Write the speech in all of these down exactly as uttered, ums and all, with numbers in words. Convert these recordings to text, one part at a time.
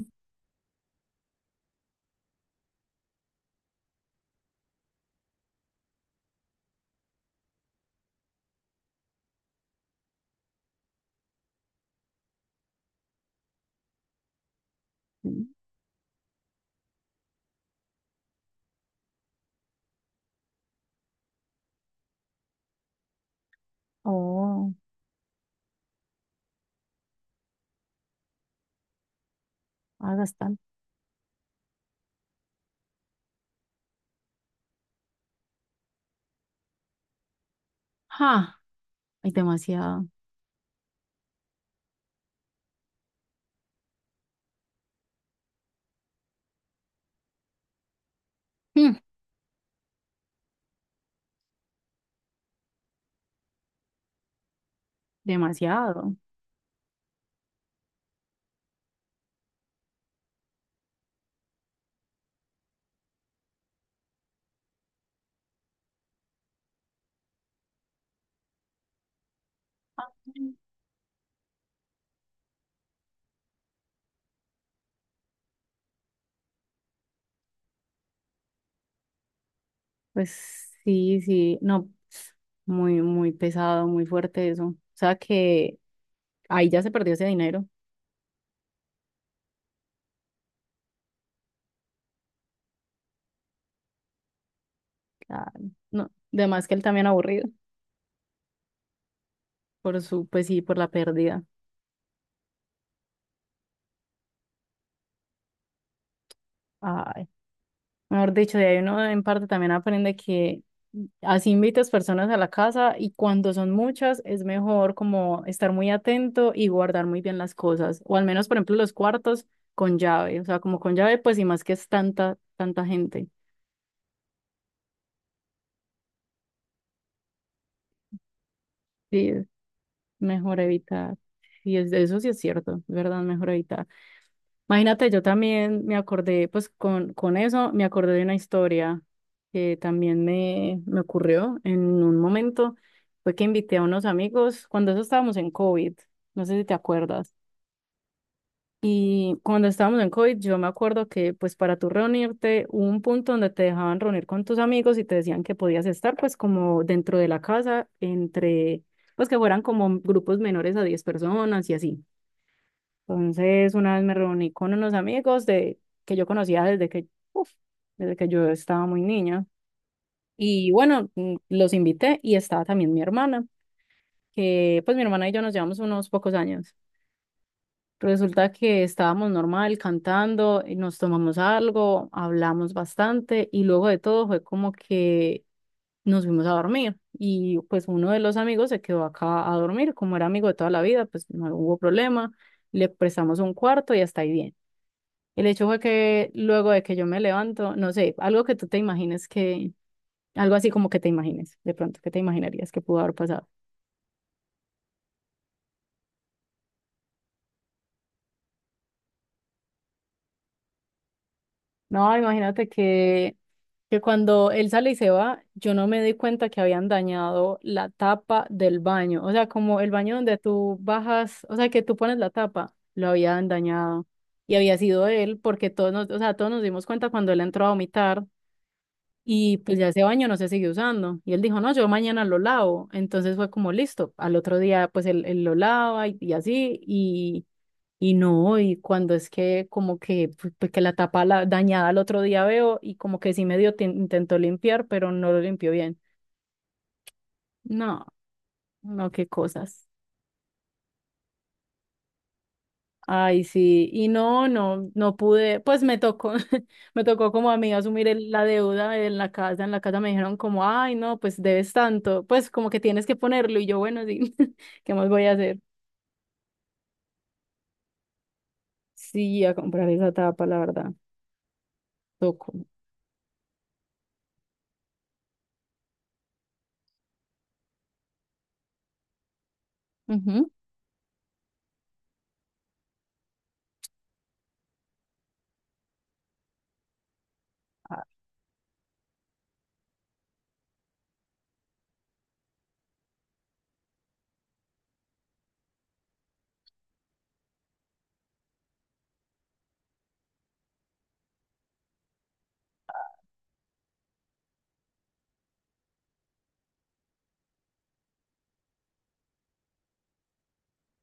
Mm. Oh, ah, bastante. ¡Ja! Hay demasiado. Mm. Demasiado. Mm. Pues sí, sí. No, muy, muy pesado, muy fuerte eso. O sea que ahí ya se perdió ese dinero. Ah, no, además que él también aburrido por su, pues sí, por la pérdida. Ay, mejor dicho, de ahí uno en parte también aprende que así invitas personas a la casa y cuando son muchas es mejor como estar muy atento y guardar muy bien las cosas, o al menos, por ejemplo, los cuartos con llave, o sea, como con llave, pues y más que es tanta, tanta gente, sí, es mejor evitar. Y es, eso sí es cierto, es verdad, mejor evitar. Imagínate, yo también me acordé, pues con, con eso me acordé de una historia que también me, me ocurrió en un momento. Fue que invité a unos amigos cuando eso estábamos en COVID, no sé si te acuerdas. Y cuando estábamos en COVID, yo me acuerdo que pues para tú reunirte hubo un punto donde te dejaban reunir con tus amigos y te decían que podías estar pues como dentro de la casa, entre, pues que fueran como grupos menores a diez personas y así. Entonces, una vez me reuní con unos amigos de, que yo conocía desde que, uf, desde que yo estaba muy niña. Y bueno, mm, los invité y estaba también mi hermana, que pues mi hermana y yo nos llevamos unos pocos años. Resulta que estábamos normal cantando, y nos tomamos algo, hablamos bastante y luego de todo fue como que nos fuimos a dormir y pues uno de los amigos se quedó acá a dormir, como era amigo de toda la vida, pues no hubo problema, le prestamos un cuarto y hasta ahí bien. El hecho fue que luego de que yo me levanto, no sé, algo que tú te imagines que, algo así como que te imagines, de pronto, ¿que te imaginarías que pudo haber pasado? No, imagínate que, que cuando él sale y se va, yo no me di cuenta que habían dañado la tapa del baño, o sea, como el baño donde tú bajas, o sea, que tú pones la tapa, lo habían dañado. Y había sido él, porque todos nos, o sea, todos nos dimos cuenta cuando él entró a vomitar. Y pues ya ese baño no se siguió usando. Y él dijo, no, yo mañana lo lavo. Entonces fue como listo. Al otro día, pues él, él lo lava y, y así. Y, y no, y cuando es que como que, pues, pues, que la tapa la, dañada al otro día veo y como que sí medio te- intentó limpiar, pero no lo limpió bien. No, no, qué cosas. Ay, sí, y no, no, no pude, pues me tocó, me tocó como a mí asumir el- la deuda en la casa, en la casa me dijeron como, ay, no, pues debes tanto, pues como que tienes que ponerlo, y yo, bueno, sí, ¿qué más voy a hacer? Sí, a comprar esa tapa, la verdad, tocó. Ujú. Ah,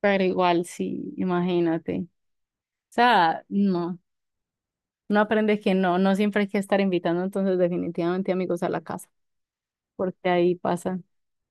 pero igual, sí, imagínate. O sea, no, no aprendes que no, no siempre hay que estar invitando entonces definitivamente amigos a la casa, porque ahí pasa.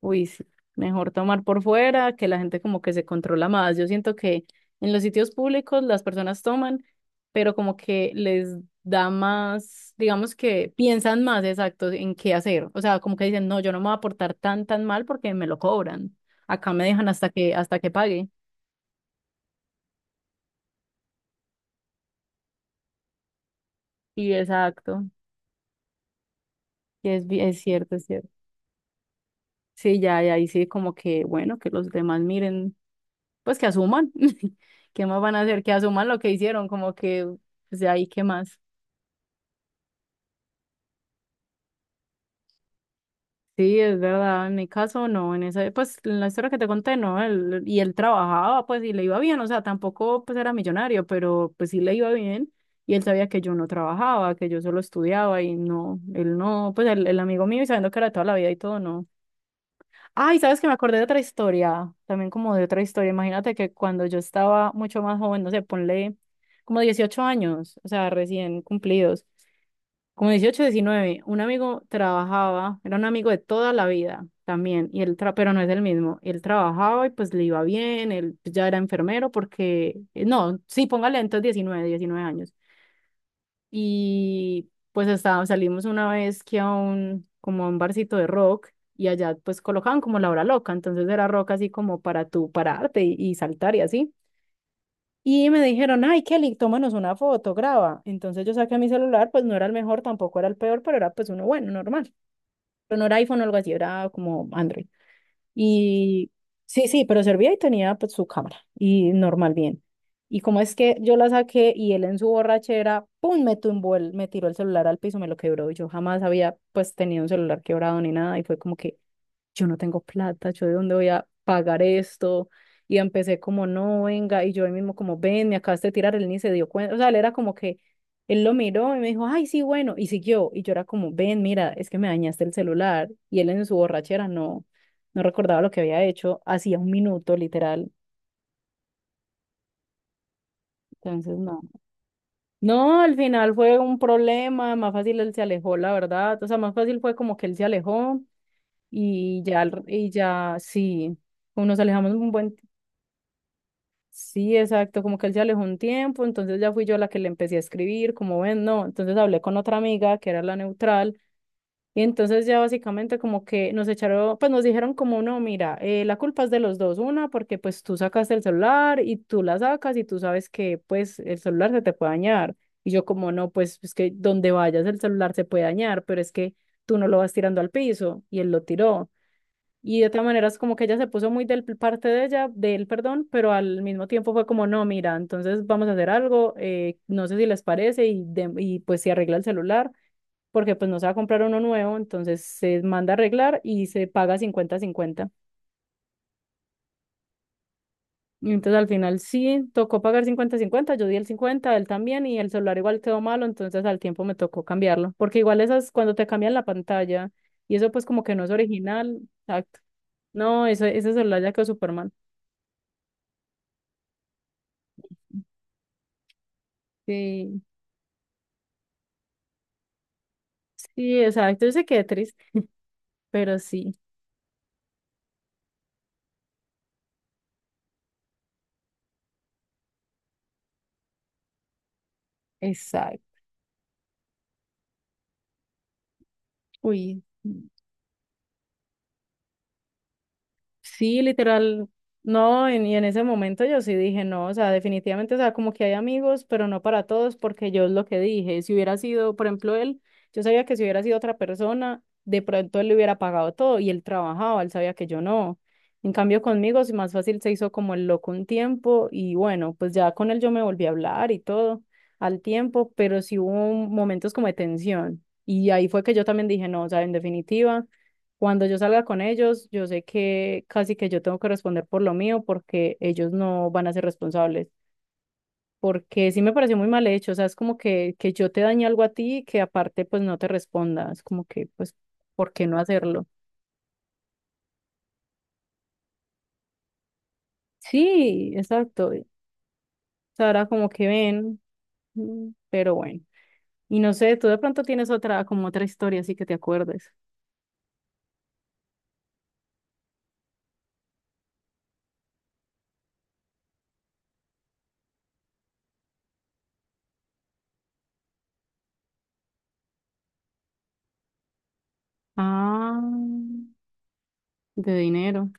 Uy, sí, mejor tomar por fuera, que la gente como que se controla más. Yo siento que en los sitios públicos las personas toman, pero como que les da más, digamos que piensan más exacto en qué hacer. O sea, como que dicen, no, yo no me voy a portar tan, tan mal porque me lo cobran. Acá me dejan hasta que, hasta que pague. Y exacto, y es, bi- es cierto, es cierto. Sí, ya, ya ahí sí como que, bueno, que los demás miren, pues que asuman. ¿Qué más van a hacer? Que asuman lo que hicieron, como que, pues de ahí, ¿qué más? Sí, es verdad, en mi caso no, en esa, pues en la historia que te conté, no, él, y él trabajaba, pues y le iba bien, o sea, tampoco pues era millonario, pero pues sí le iba bien, y él sabía que yo no trabajaba, que yo solo estudiaba, y no, él no, pues el, el amigo mío, y sabiendo que era de toda la vida y todo, no. Ay, sabes que me acordé de otra historia, también como de otra historia, imagínate que cuando yo estaba mucho más joven, no sé, ponle como dieciocho años, o sea, recién cumplidos como dieciocho diecinueve un amigo trabajaba, era un amigo de toda la vida también, y él tra- pero no es el mismo. Él trabajaba y pues le iba bien, él ya era enfermero porque, eh, no, sí, póngale entonces diecinueve diecinueve años. Y pues estaba, salimos una vez que a un, como a un barcito de rock y allá pues colocaban como la hora loca, entonces era rock así como para tú pararte y, y saltar y así. Y me dijeron, ay, Kelly, tómanos una foto, graba. Entonces yo saqué mi celular, pues no era el mejor, tampoco era el peor, pero era pues uno bueno, normal. Pero no era iPhone o algo así, era como Android. Y sí, sí, pero servía y tenía pues su cámara y normal, bien. Y como es que yo la saqué y él en su borrachera, pum, me tumbó el, me tiró el celular al piso, me lo quebró. Y yo jamás había pues tenido un celular quebrado ni nada y fue como que, yo no tengo plata, yo de dónde voy a pagar esto. Y empecé como, no, venga, y yo él mismo como, ven, me acabaste de tirar, él ni se dio cuenta, o sea, él era como que, él lo miró y me dijo, ay, sí, bueno, y siguió, y yo era como, ven, mira, es que me dañaste el celular, y él en su borrachera no, no recordaba lo que había hecho, hacía un minuto, literal, entonces no. No, al final fue un problema, más fácil él se alejó, la verdad, o sea, más fácil fue como que él se alejó, y ya, el- y ya, sí, como nos alejamos un buen. Sí, exacto, como que él ya alejó un tiempo, entonces ya fui yo la que le empecé a escribir, como ven, no, entonces hablé con otra amiga que era la neutral y entonces ya básicamente como que nos echaron, pues nos dijeron como, no, mira, eh, la culpa es de los dos, una porque pues tú sacaste el celular y tú la sacas y tú sabes que pues el celular se te puede dañar y yo como, no, pues es que donde vayas el celular se puede dañar, pero es que tú no lo vas tirando al piso y él lo tiró. Y de otra manera es como que ella se puso muy del parte de ella, de él, perdón, pero al mismo tiempo fue como, no, mira, entonces vamos a hacer algo, eh, no sé si les parece, y, de- y pues se arregla el celular, porque pues no se va a comprar uno nuevo, entonces se manda a arreglar y se paga cincuenta cincuenta. Y entonces al final sí, tocó pagar cincuenta cincuenta, yo di el cincuenta, él también, y el celular igual quedó malo, entonces al tiempo me tocó cambiarlo, porque igual esas cuando te cambian la pantalla, y eso pues como que no es original, exacto. No, eso, ese celular ya quedó súper mal. Sí. Sí, exacto, yo sé que triste, pero sí, exacto. Uy, sí, literal, no, en- y en ese momento yo sí dije, no, o sea, definitivamente, o sea, como que hay amigos, pero no para todos, porque yo es lo que dije, si hubiera sido, por ejemplo, él, yo sabía que si hubiera sido otra persona, de pronto él le hubiera pagado todo y él trabajaba, él sabía que yo no. En cambio, conmigo, es más fácil se hizo como el loco un tiempo y bueno, pues ya con él yo me volví a hablar y todo al tiempo, pero sí hubo momentos como de tensión y ahí fue que yo también dije, no, o sea, en definitiva. Cuando yo salga con ellos, yo sé que casi que yo tengo que responder por lo mío porque ellos no van a ser responsables. Porque sí me pareció muy mal hecho, o sea, es como que, que yo te dañe algo a ti y que aparte pues no te responda, es como que pues, ¿por qué no hacerlo? Sí, exacto. O sea, era como que ven, mm, pero bueno. Y no sé, tú de pronto tienes otra, como otra historia así que te acuerdes. Ah, de dinero.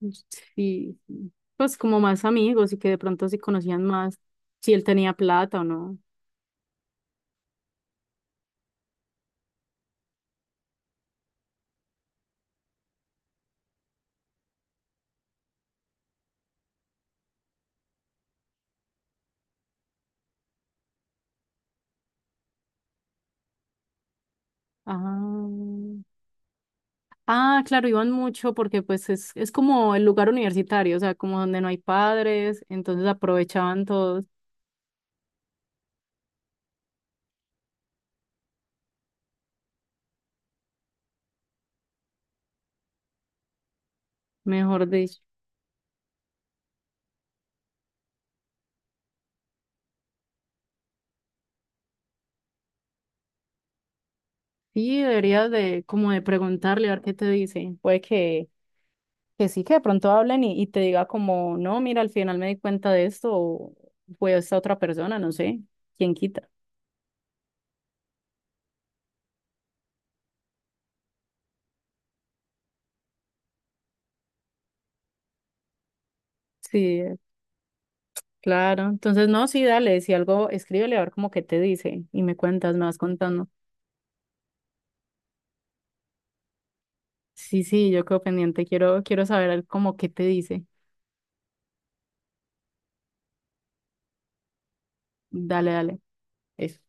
Sí, sí. Pues como más amigos y que de pronto se conocían más si él tenía plata o no. Ah, ah, claro, iban mucho porque pues es, es como el lugar universitario, o sea, como donde no hay padres, entonces aprovechaban todos, mejor dicho. Sí, deberías de como de preguntarle a ver qué te dice. Puede que, que sí, que de pronto hablen y, y te diga como, no, mira, al final me di cuenta de esto o fue esta otra persona, no sé, quién quita. Sí, claro, entonces no, sí, dale, si algo, escríbele a ver como que te dice y me cuentas, me vas contando. Sí, sí, yo quedo pendiente, quiero, quiero saber como qué te dice. Dale, dale. Eso.